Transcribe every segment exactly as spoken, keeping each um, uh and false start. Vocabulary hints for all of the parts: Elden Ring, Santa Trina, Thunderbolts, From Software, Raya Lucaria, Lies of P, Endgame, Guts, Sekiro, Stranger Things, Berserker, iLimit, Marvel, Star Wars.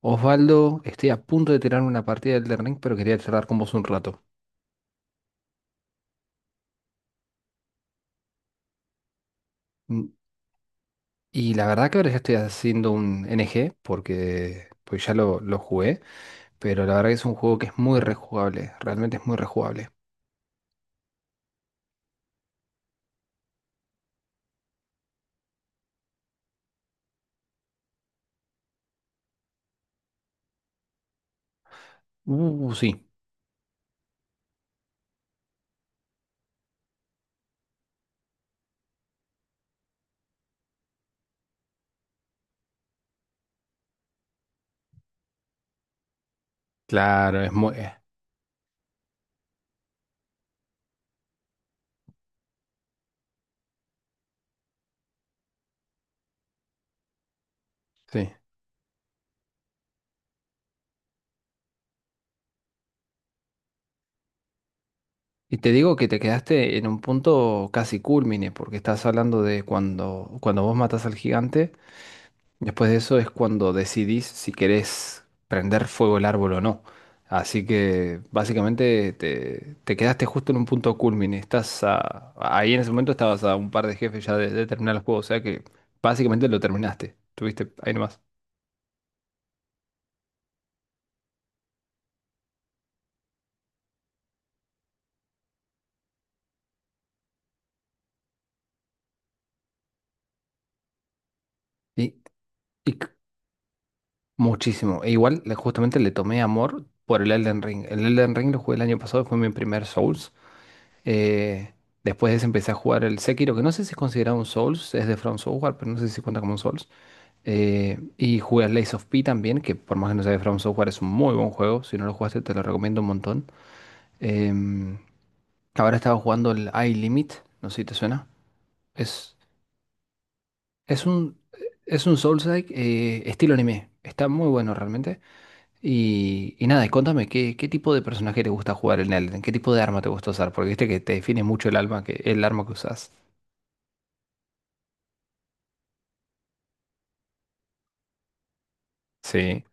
Osvaldo, estoy a punto de tirar una partida del Elden Ring, pero quería charlar con vos un rato. Mm. Y la verdad que ahora ya estoy haciendo un N G porque pues ya lo, lo jugué, pero la verdad que es un juego que es muy rejugable, realmente es muy rejugable. Uh, sí, claro, es muy... eh, sí. Y te digo que te quedaste en un punto casi culmine, porque estás hablando de cuando, cuando vos matas al gigante. Después de eso es cuando decidís si querés prender fuego el árbol o no. Así que básicamente te, te quedaste justo en un punto culmine. Estás a- ahí en ese momento estabas a un par de jefes ya de, de terminar el juego. O sea que básicamente lo terminaste. Tuviste ahí nomás. Y, y c- Muchísimo. E igual le- justamente le tomé amor por el Elden Ring. El Elden Ring lo jugué el año pasado, fue mi primer Souls. Eh, Después de ese empecé a jugar el Sekiro, que no sé si es considerado un Souls, es de From Software, pero no sé si cuenta como un Souls. Eh, y jugué a Lies of P también, que por más que no sea de From Software es un muy buen juego. Si no lo jugaste, te lo recomiendo un montón. Em, Ahora estaba jugando el iLimit, no sé si te suena. Es, es un, es un Souls-like eh, estilo anime. Está muy bueno realmente. Y, y nada, y contame, ¿qué, qué tipo de personaje te gusta jugar en Elden? ¿Qué tipo de arma te gusta usar? Porque viste que te define mucho el alma que, el arma que usas. Sí,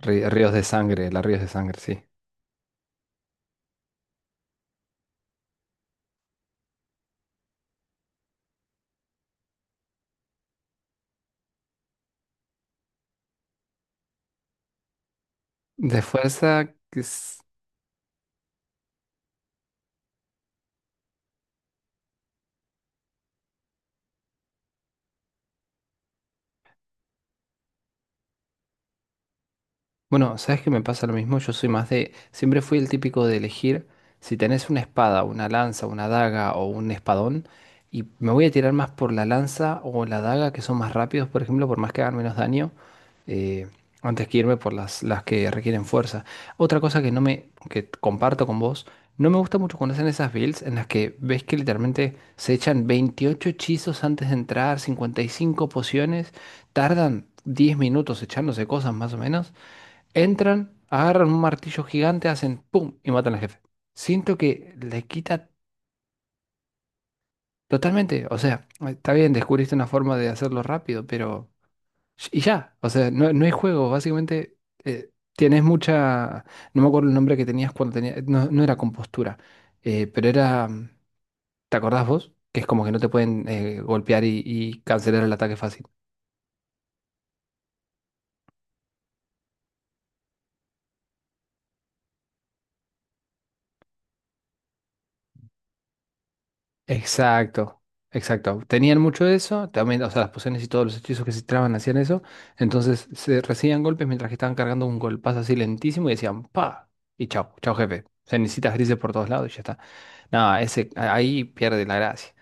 rí- ríos de sangre, las ríos de sangre, sí. De fuerza, que bueno, ¿sabes que me pasa lo mismo? Yo soy más de... Siempre fui el típico de elegir si tenés una espada, una lanza, una daga o un espadón. Y me voy a tirar más por la lanza o la daga, que son más rápidos, por ejemplo, por más que hagan menos daño, eh, antes que irme por las, las que requieren fuerza. Otra cosa que no me... que comparto con vos, no me gusta mucho cuando hacen esas builds en las que ves que literalmente se echan veintiocho hechizos antes de entrar, cincuenta y cinco pociones, tardan diez minutos echándose cosas más o menos. Entran, agarran un martillo gigante, hacen ¡pum! Y matan al jefe. Siento que le quita totalmente. O sea, está bien, descubriste una forma de hacerlo rápido, pero... Y ya, o sea, no, no hay juego. Básicamente, eh, tienes mucha... No me acuerdo el nombre que tenías cuando tenías... No, no era compostura, eh, pero era... ¿Te acordás vos? Que es como que no te pueden eh, golpear y, y cancelar el ataque fácil. Exacto, exacto. Tenían mucho de eso, también, o sea, las pociones y todos los hechizos que se tiraban hacían eso. Entonces se recibían golpes mientras que estaban cargando un golpazo así lentísimo y decían ¡pa! Y chao, chao jefe. Cenicitas grises por todos lados y ya está. No, ese, a- ahí pierde la gracia.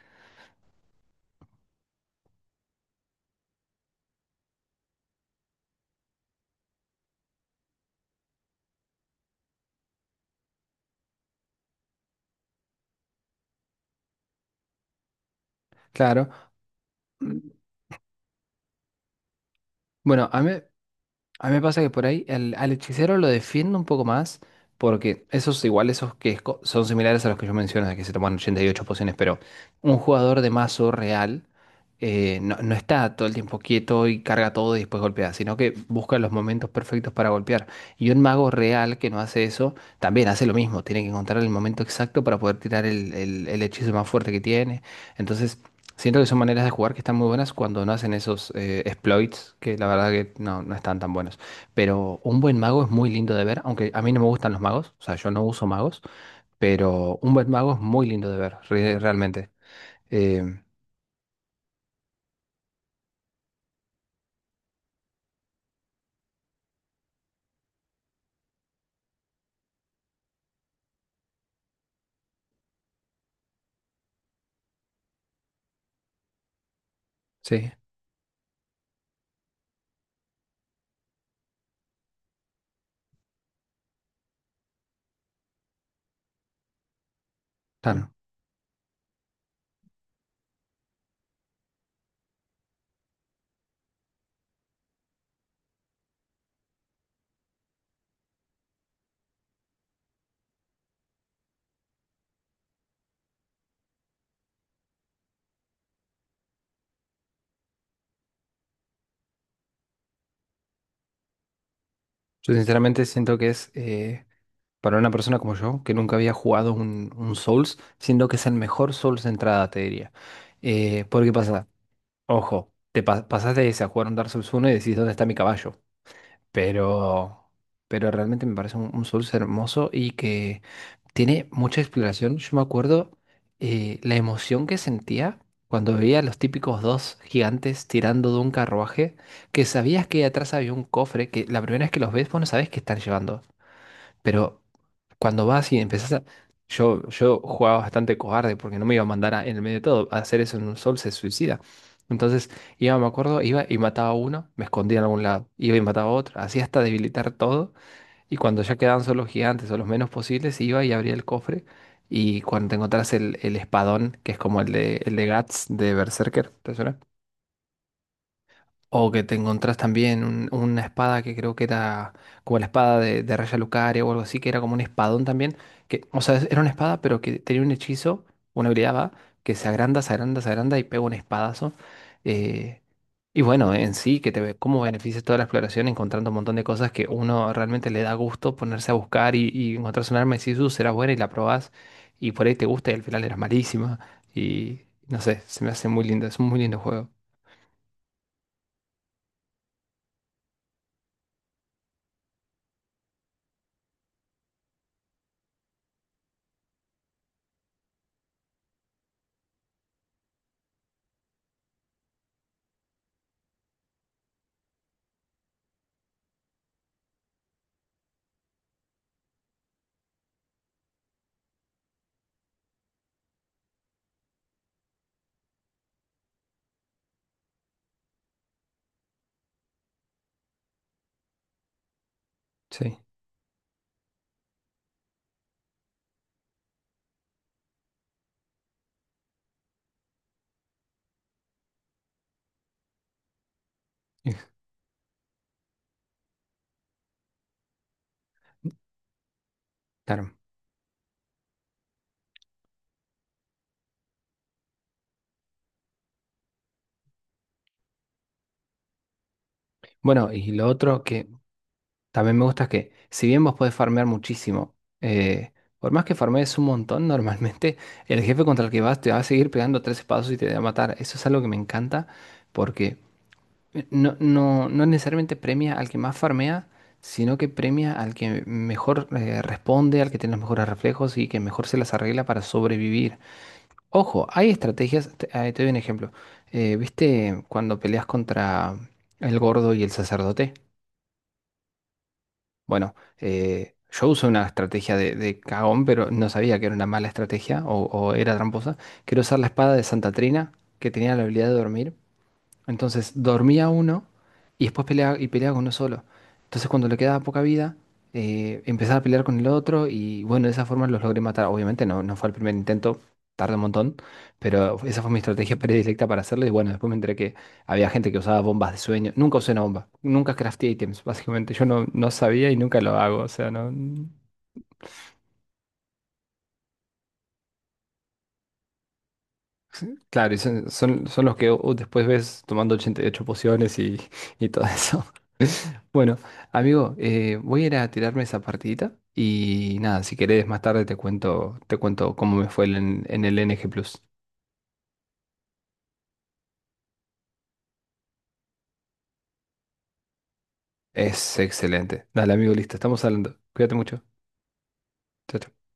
Claro. Mm. Bueno, a mí, a mí me pasa que por ahí al, al hechicero lo defiendo un poco más, porque esos igual, esos que es co- son similares a los que yo menciono, de que se toman ochenta y ocho pociones, pero un jugador de mazo real eh, no, no está todo el tiempo quieto y carga todo y después golpea, sino que busca los momentos perfectos para golpear. Y un mago real que no hace eso, también hace lo mismo, tiene que encontrar el momento exacto para poder tirar el, el el hechizo más fuerte que tiene. Entonces... Siento que son maneras de jugar que están muy buenas cuando no hacen esos eh, exploits, que la verdad que no, no están tan buenos. Pero un buen mago es muy lindo de ver, aunque a mí no me gustan los magos, o sea, yo no uso magos, pero un buen mago es muy lindo de ver, re- realmente. Eh, sí, claro. Yo sinceramente siento que es, eh, para una persona como yo, que nunca había jugado un, un Souls, siento que es el mejor Souls de entrada, te diría. Eh, ¿por qué pasa? Ojo, te pa- pasás de ese a jugar un Dark Souls uno y decís, ¿dónde está mi caballo? Pero, pero realmente me parece un, un Souls hermoso y que tiene mucha exploración. Yo me acuerdo eh, la emoción que sentía cuando veía a los típicos dos gigantes tirando de un carruaje, que sabías que atrás había un cofre, que la primera vez que los ves, vos no sabés qué están llevando. Pero cuando vas y empezás a... Yo, yo jugaba bastante cobarde porque no me iba a mandar a- en el medio de todo. A hacer eso en un sol se suicida. Entonces, iba, me acuerdo, iba y mataba a uno, me escondía en algún lado. Iba y mataba a otro, así hasta debilitar todo. Y cuando ya quedaban solo los gigantes o los menos posibles, iba y abría el cofre. Y cuando te encontrás el, el espadón, que es como el de, el de Guts de Berserker, ¿te suena? O que te encontrás también un- una espada que creo que era como la espada de, de Raya Lucaria o algo así, que era como un espadón también. Que, o sea, era una espada, pero que tenía un hechizo, una habilidad va, que se agranda, se agranda, se agranda y pega un espadazo. Eh, y bueno, en sí, que te ve cómo beneficia toda la exploración encontrando un montón de cosas que uno realmente le da gusto ponerse a buscar y, y encontrás un arma y decís, "Uh, será buena y la probás. Y por ahí te gusta y al final eras malísima. Y no sé, se me hace muy lindo, es un muy lindo juego. Sí. Claro. Bueno, y lo otro que también me gusta es que, si bien vos podés farmear muchísimo, eh, por más que farmees un montón, normalmente el jefe contra el que vas te va a seguir pegando tres espadas y te va a matar. Eso es algo que me encanta porque eh, no, no, no necesariamente premia al que más farmea, sino que premia al que mejor eh, responde, al que tiene los mejores reflejos y que mejor se las arregla para sobrevivir. Ojo, hay estrategias, te, eh, te doy un ejemplo. Eh, ¿viste cuando peleas contra el gordo y el sacerdote? Bueno, eh, yo usé una estrategia de, de cagón, pero no sabía que era una mala estrategia o, o era tramposa. Quiero usar la espada de Santa Trina, que tenía la habilidad de dormir. Entonces dormía uno y después peleaba, y peleaba con uno solo. Entonces cuando le quedaba poca vida, eh, empezaba a pelear con el otro y bueno, de esa forma los logré matar. Obviamente no, no fue el primer intento, tardé un montón, pero esa fue mi estrategia predilecta para hacerlo y bueno, después me enteré que había gente que usaba bombas de sueño. Nunca usé una bomba, nunca crafté ítems, básicamente. Yo no, no sabía y nunca lo hago, o sea, no... Sí, claro, y son, son, son los que uh, después ves tomando ochenta y ocho pociones y, y todo eso. Bueno, amigo, eh, voy a ir a tirarme esa partidita y nada, si querés más tarde te cuento, te cuento cómo me fue en, en el N G Plus. Es excelente. Dale, amigo, listo, estamos hablando. Cuídate mucho. Chao, chao.